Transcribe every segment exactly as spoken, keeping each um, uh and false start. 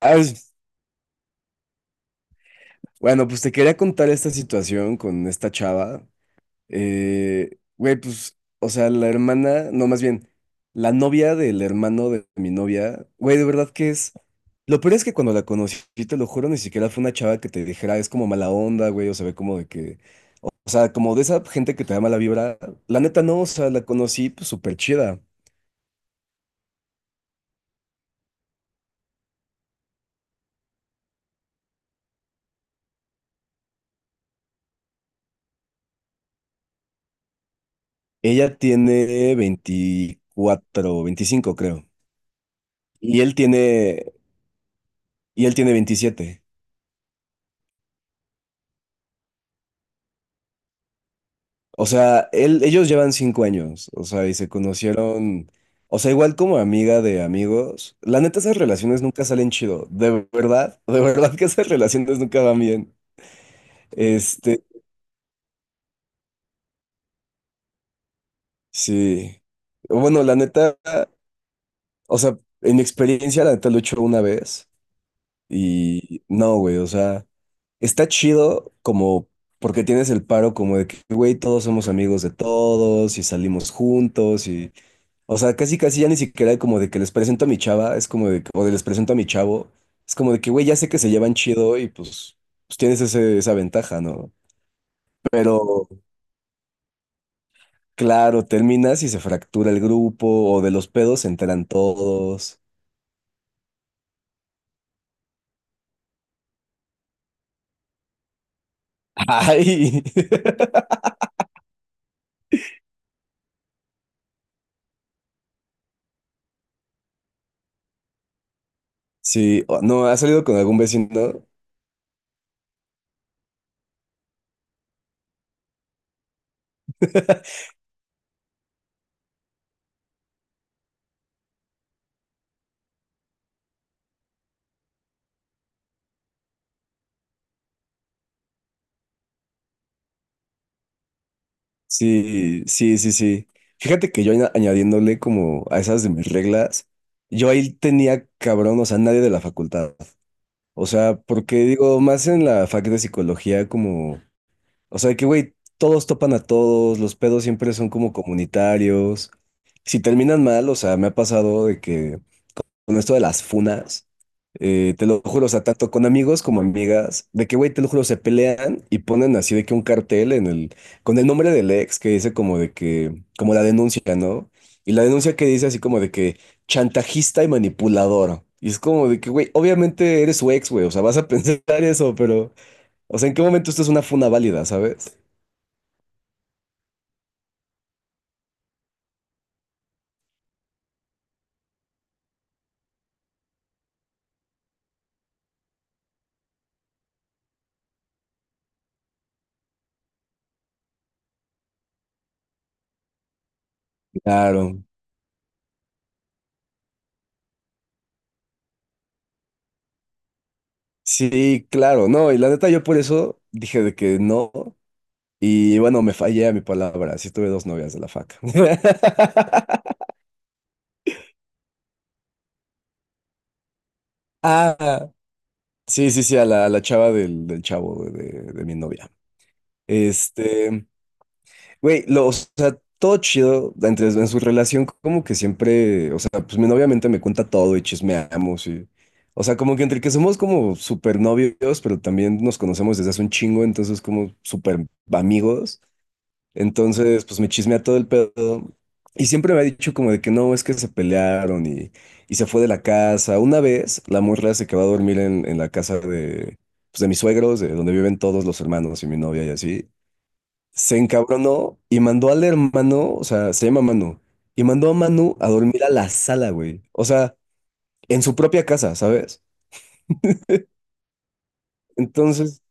Ah, bueno, pues te quería contar esta situación con esta chava. Eh, güey, pues, o sea, la hermana, no, más bien, la novia del hermano de mi novia, güey, de verdad que es. Lo peor es que cuando la conocí, te lo juro, ni siquiera fue una chava que te dijera, es como mala onda, güey, o se ve como de que, o sea, como de esa gente que te da mala vibra. La neta no, o sea, la conocí, pues, súper chida. Ella tiene veinticuatro, veinticinco creo. Y él tiene, y él tiene veintisiete. O sea, él, ellos llevan cinco años, o sea, y se conocieron, o sea, igual como amiga de amigos. La neta, esas relaciones nunca salen chido, de verdad, de verdad que esas relaciones nunca van bien. Este, sí. Bueno, la neta, o sea, en mi experiencia, la neta lo he hecho una vez y no, güey, o sea, está chido como porque tienes el paro como de que, güey, todos somos amigos de todos y salimos juntos y... O sea, casi casi ya ni siquiera como de que les presento a mi chava, es como de que, o de les presento a mi chavo, es como de que, güey, ya sé que se llevan chido y pues, pues tienes ese- esa ventaja, ¿no? Pero claro, terminas y se fractura el grupo, o de los pedos se enteran todos. Ay, sí, o- no, ¿has salido con algún vecino? Sí, sí, sí, sí. Fíjate que yo añ- añadiéndole como a esas de mis reglas, yo ahí tenía cabrón, o sea, nadie de la facultad. O sea, porque digo, más en la fac de psicología, como, o sea, que güey, todos topan a todos, los pedos siempre son como comunitarios. Si terminan mal, o sea, me ha pasado de que con esto de las funas, eh, te lo juro, o sea, tanto con amigos como amigas, de que, güey, te lo juro, se pelean y ponen así de que un cartel en el, con el nombre del ex que dice como de que, como la denuncia, ¿no? Y la denuncia que dice así como de que chantajista y manipulador. Y es como de que, güey, obviamente eres su ex, güey, o sea, vas a pensar eso, pero, o sea, ¿en qué momento esto es una funa válida, ¿sabes? Claro. Sí, claro, no, y la neta yo por eso dije de que no. Y bueno, me fallé a mi palabra. Sí tuve dos novias de la fac. Ah, sí, sí, sí, a la, a la chava del, del chavo de, de- de mi novia. Este, güey, lo, o sea, todo chido entre, en su relación, como que siempre, o sea, pues mi novia obviamente me cuenta todo y chismeamos y, o sea, como que entre que somos como súper novios, pero también nos conocemos desde hace un chingo, entonces como súper amigos. Entonces, pues me chismea todo el pedo. Y siempre me ha dicho como de que no, es que se pelearon y, y se fue de la casa. Una vez la morra se quedó a dormir en, en la casa de, pues, de mis suegros, de donde viven todos los hermanos y mi novia y así. Se encabronó y mandó al hermano, o sea, se llama Manu, y mandó a Manu a dormir a la sala, güey. O sea, en su propia casa, ¿sabes? Entonces...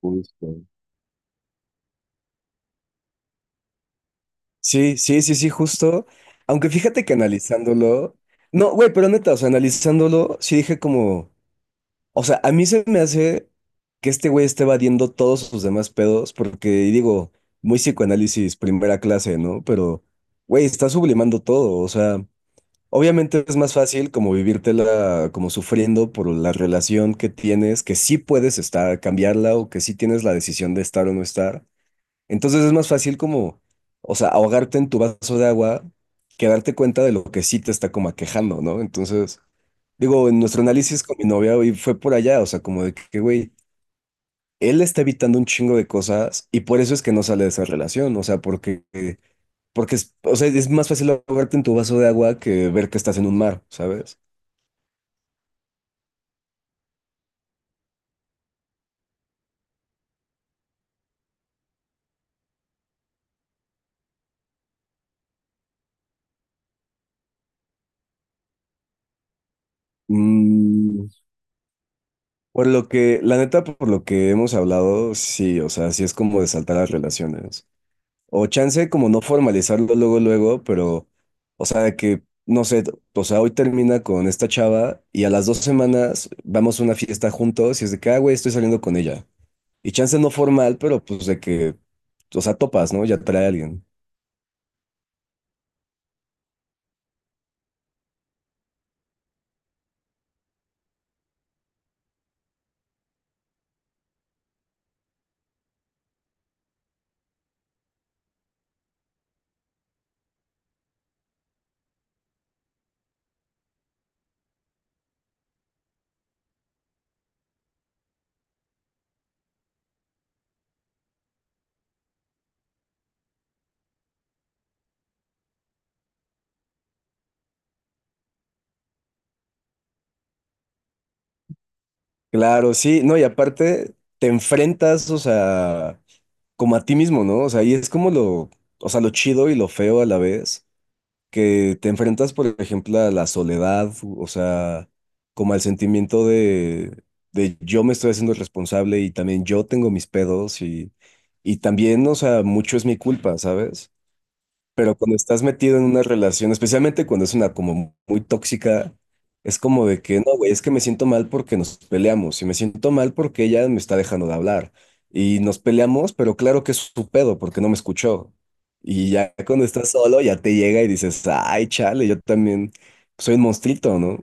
Justo. Sí, sí, sí, sí, justo. Aunque fíjate que analizándolo, no, güey, pero neta, o sea, analizándolo, sí dije como, o sea, a mí se me hace que este güey esté evadiendo todos sus demás pedos, porque y digo, muy psicoanálisis, primera clase, ¿no? Pero, güey, está sublimando todo, o sea, obviamente es más fácil como vivírtela, como sufriendo por la relación que tienes, que sí puedes estar, cambiarla o que sí tienes la decisión de estar o no estar. Entonces es más fácil como, o sea, ahogarte en tu vaso de agua que darte cuenta de lo que sí te está como aquejando, ¿no? Entonces, digo, en nuestro análisis con mi novia hoy fue por allá, o sea, como de que, güey, él está evitando un chingo de cosas y por eso es que no sale de esa relación, o sea, porque, porque es, o sea, es más fácil ahogarte en tu vaso de agua que ver que estás en un mar, ¿sabes? Mm, por lo que, la neta, por lo que hemos hablado, sí, o sea, sí es como de saltar las relaciones. O chance como no formalizarlo luego, luego, pero, o sea, que, no sé, o sea, hoy termina con esta chava y a las dos semanas vamos a una fiesta juntos y es de que, ah, güey, estoy saliendo con ella. Y chance no formal, pero pues de que, o sea, topas, ¿no? Ya trae a alguien. Claro, sí, no, y aparte te enfrentas, o sea, como a ti mismo, ¿no? O sea, y es como lo, o sea, lo chido y lo feo a la vez que te enfrentas, por ejemplo, a la soledad, o sea, como al sentimiento de, de yo me estoy haciendo responsable y también yo tengo mis pedos y, y también, o sea, mucho es mi culpa, ¿sabes? Pero cuando estás metido en una relación, especialmente cuando es una como muy tóxica, es como de que, no, güey, es que me siento mal porque nos peleamos y me siento mal porque ella me está dejando de hablar y nos peleamos, pero claro que es su pedo porque no me escuchó. Y ya cuando estás solo, ya te llega y dices, ay, chale, yo también soy un monstruito, ¿no?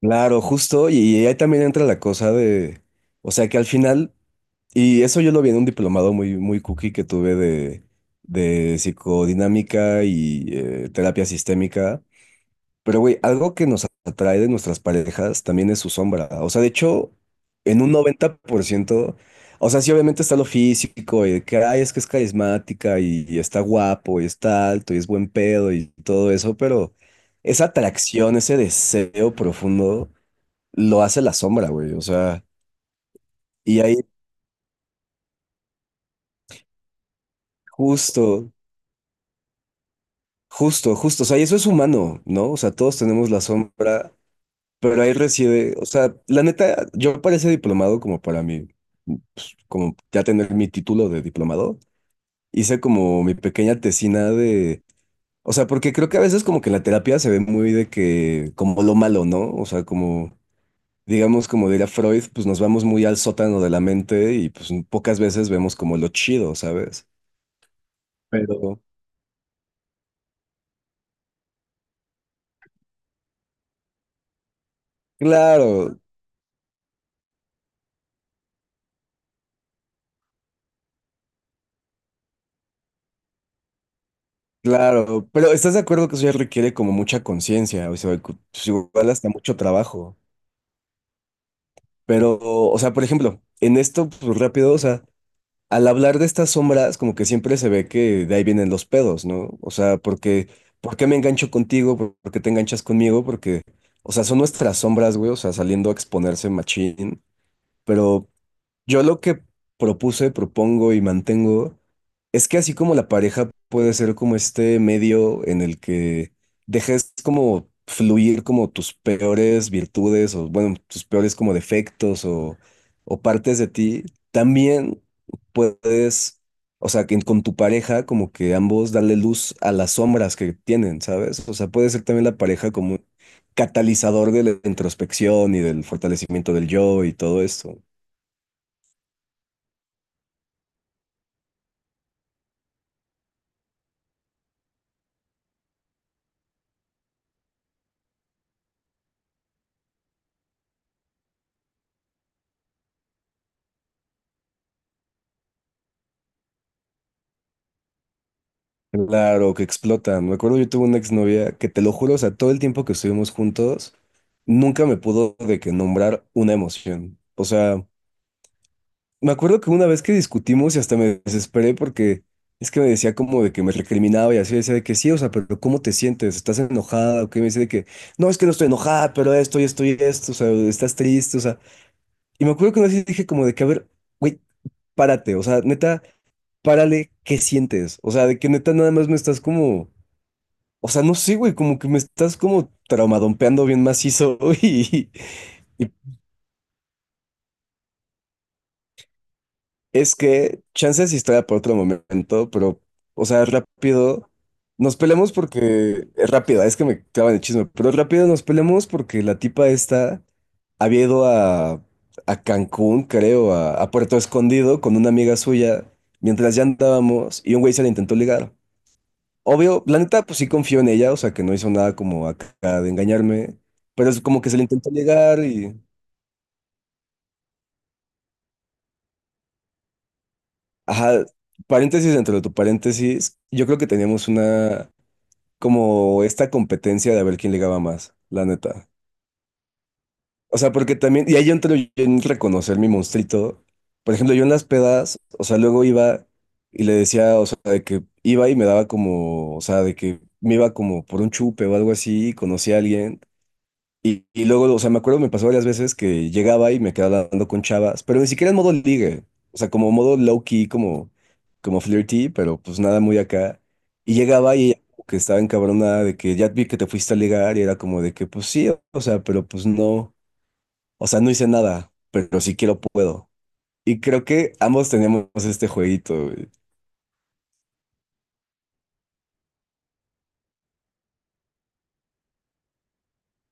Claro, justo, y, y ahí también entra la cosa de, o sea que al final, y eso yo lo vi en un diplomado muy, muy cookie que tuve de, de psicodinámica y eh, terapia sistémica, pero güey, algo que nos atrae de nuestras parejas también es su sombra, o sea, de hecho, en un noventa por ciento, o sea, sí obviamente está lo físico, y de que, ay, es que es carismática, y, y está guapo, y está alto, y es buen pedo, y todo eso, pero esa atracción, ese deseo profundo lo hace la sombra, güey. O sea, y ahí justo, justo, justo. O sea, y eso es humano, ¿no? O sea, todos tenemos la sombra, pero ahí reside. O sea, la neta, yo para ese diplomado, como para mí, pues, como ya tener mi título de diplomado, hice como mi pequeña tesina de. O sea, porque creo que a veces como que la terapia se ve muy de que, como lo malo, ¿no? O sea, como, digamos, como diría Freud, pues nos vamos muy al sótano de la mente y pues pocas veces vemos como lo chido, ¿sabes? Pero claro, claro, pero ¿estás de acuerdo que eso ya requiere como mucha conciencia? O sea, cu- pues igual hasta mucho trabajo. Pero, o sea, por ejemplo, en esto, pues rápido, o sea, al hablar de estas sombras, como que siempre se ve que de ahí vienen los pedos, ¿no? O sea, porque, ¿Por qué me engancho contigo? ¿Por por qué te enganchas conmigo? Porque, o sea, son nuestras sombras, güey, o sea, saliendo a exponerse machín, pero yo lo que propuse, propongo y mantengo es que así como la pareja puede ser como este medio en el que dejes como fluir como tus peores virtudes o bueno, tus peores como defectos o, o partes de ti, también puedes, o sea, que con tu pareja como que ambos darle luz a las sombras que tienen, ¿sabes? O sea, puede ser también la pareja como un catalizador de la introspección y del fortalecimiento del yo y todo esto. Claro, que explotan. Me acuerdo, yo tuve una exnovia que te lo juro, o sea, todo el tiempo que estuvimos juntos, nunca me pudo de que nombrar una emoción. O sea, me acuerdo que una vez que discutimos y hasta me desesperé porque es que me decía como de que me recriminaba y así, decía de que sí, o sea, pero ¿cómo te sientes? ¿Estás enojada? O que me decía de que no, es que no estoy enojada, pero esto y esto y esto, o sea, estás triste, o sea. Y me acuerdo que una vez dije como de que, a ver, güey, párate, o sea, neta, párale, ¿qué sientes? O sea, de que neta nada más me estás como o sea, no sé, güey, como que me estás como traumadompeando bien macizo y, y es que chances historia por otro momento, pero, o sea, rápido, nos peleamos porque, es rápida, es que me clavan el chisme, pero rápido nos peleamos porque la tipa esta había ido a, a Cancún, creo, a, a Puerto Escondido con una amiga suya mientras ya andábamos y un güey se la intentó ligar. Obvio, la neta, pues sí confío en ella, o sea, que no hizo nada como acá de engañarme, pero es como que se le intentó llegar y, ajá, paréntesis dentro de tu paréntesis, yo creo que teníamos una, como esta competencia de a ver quién ligaba más, la neta. O sea, porque también, y ahí entro yo en reconocer mi monstruito. Por ejemplo, yo en las pedas, o sea, luego iba y le decía, o sea, de que iba y me daba como, o sea, de que me iba como por un chupe o algo así, y conocí a alguien. Y, y luego, o sea, me acuerdo, me pasó varias veces que llegaba y me quedaba hablando con chavas, pero ni siquiera en modo ligue, o sea, como modo low key, como, como flirty, pero pues nada muy acá. Y llegaba y ella como que estaba encabronada de que ya vi que te fuiste a ligar y era como de que pues sí, o sea, pero pues no, o sea, no hice nada, pero si quiero puedo. Y creo que ambos teníamos este jueguito, güey.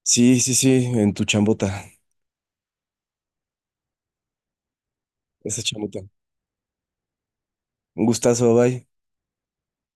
Sí, sí, sí, en tu chambota, esa chambota. Un gustazo, bye.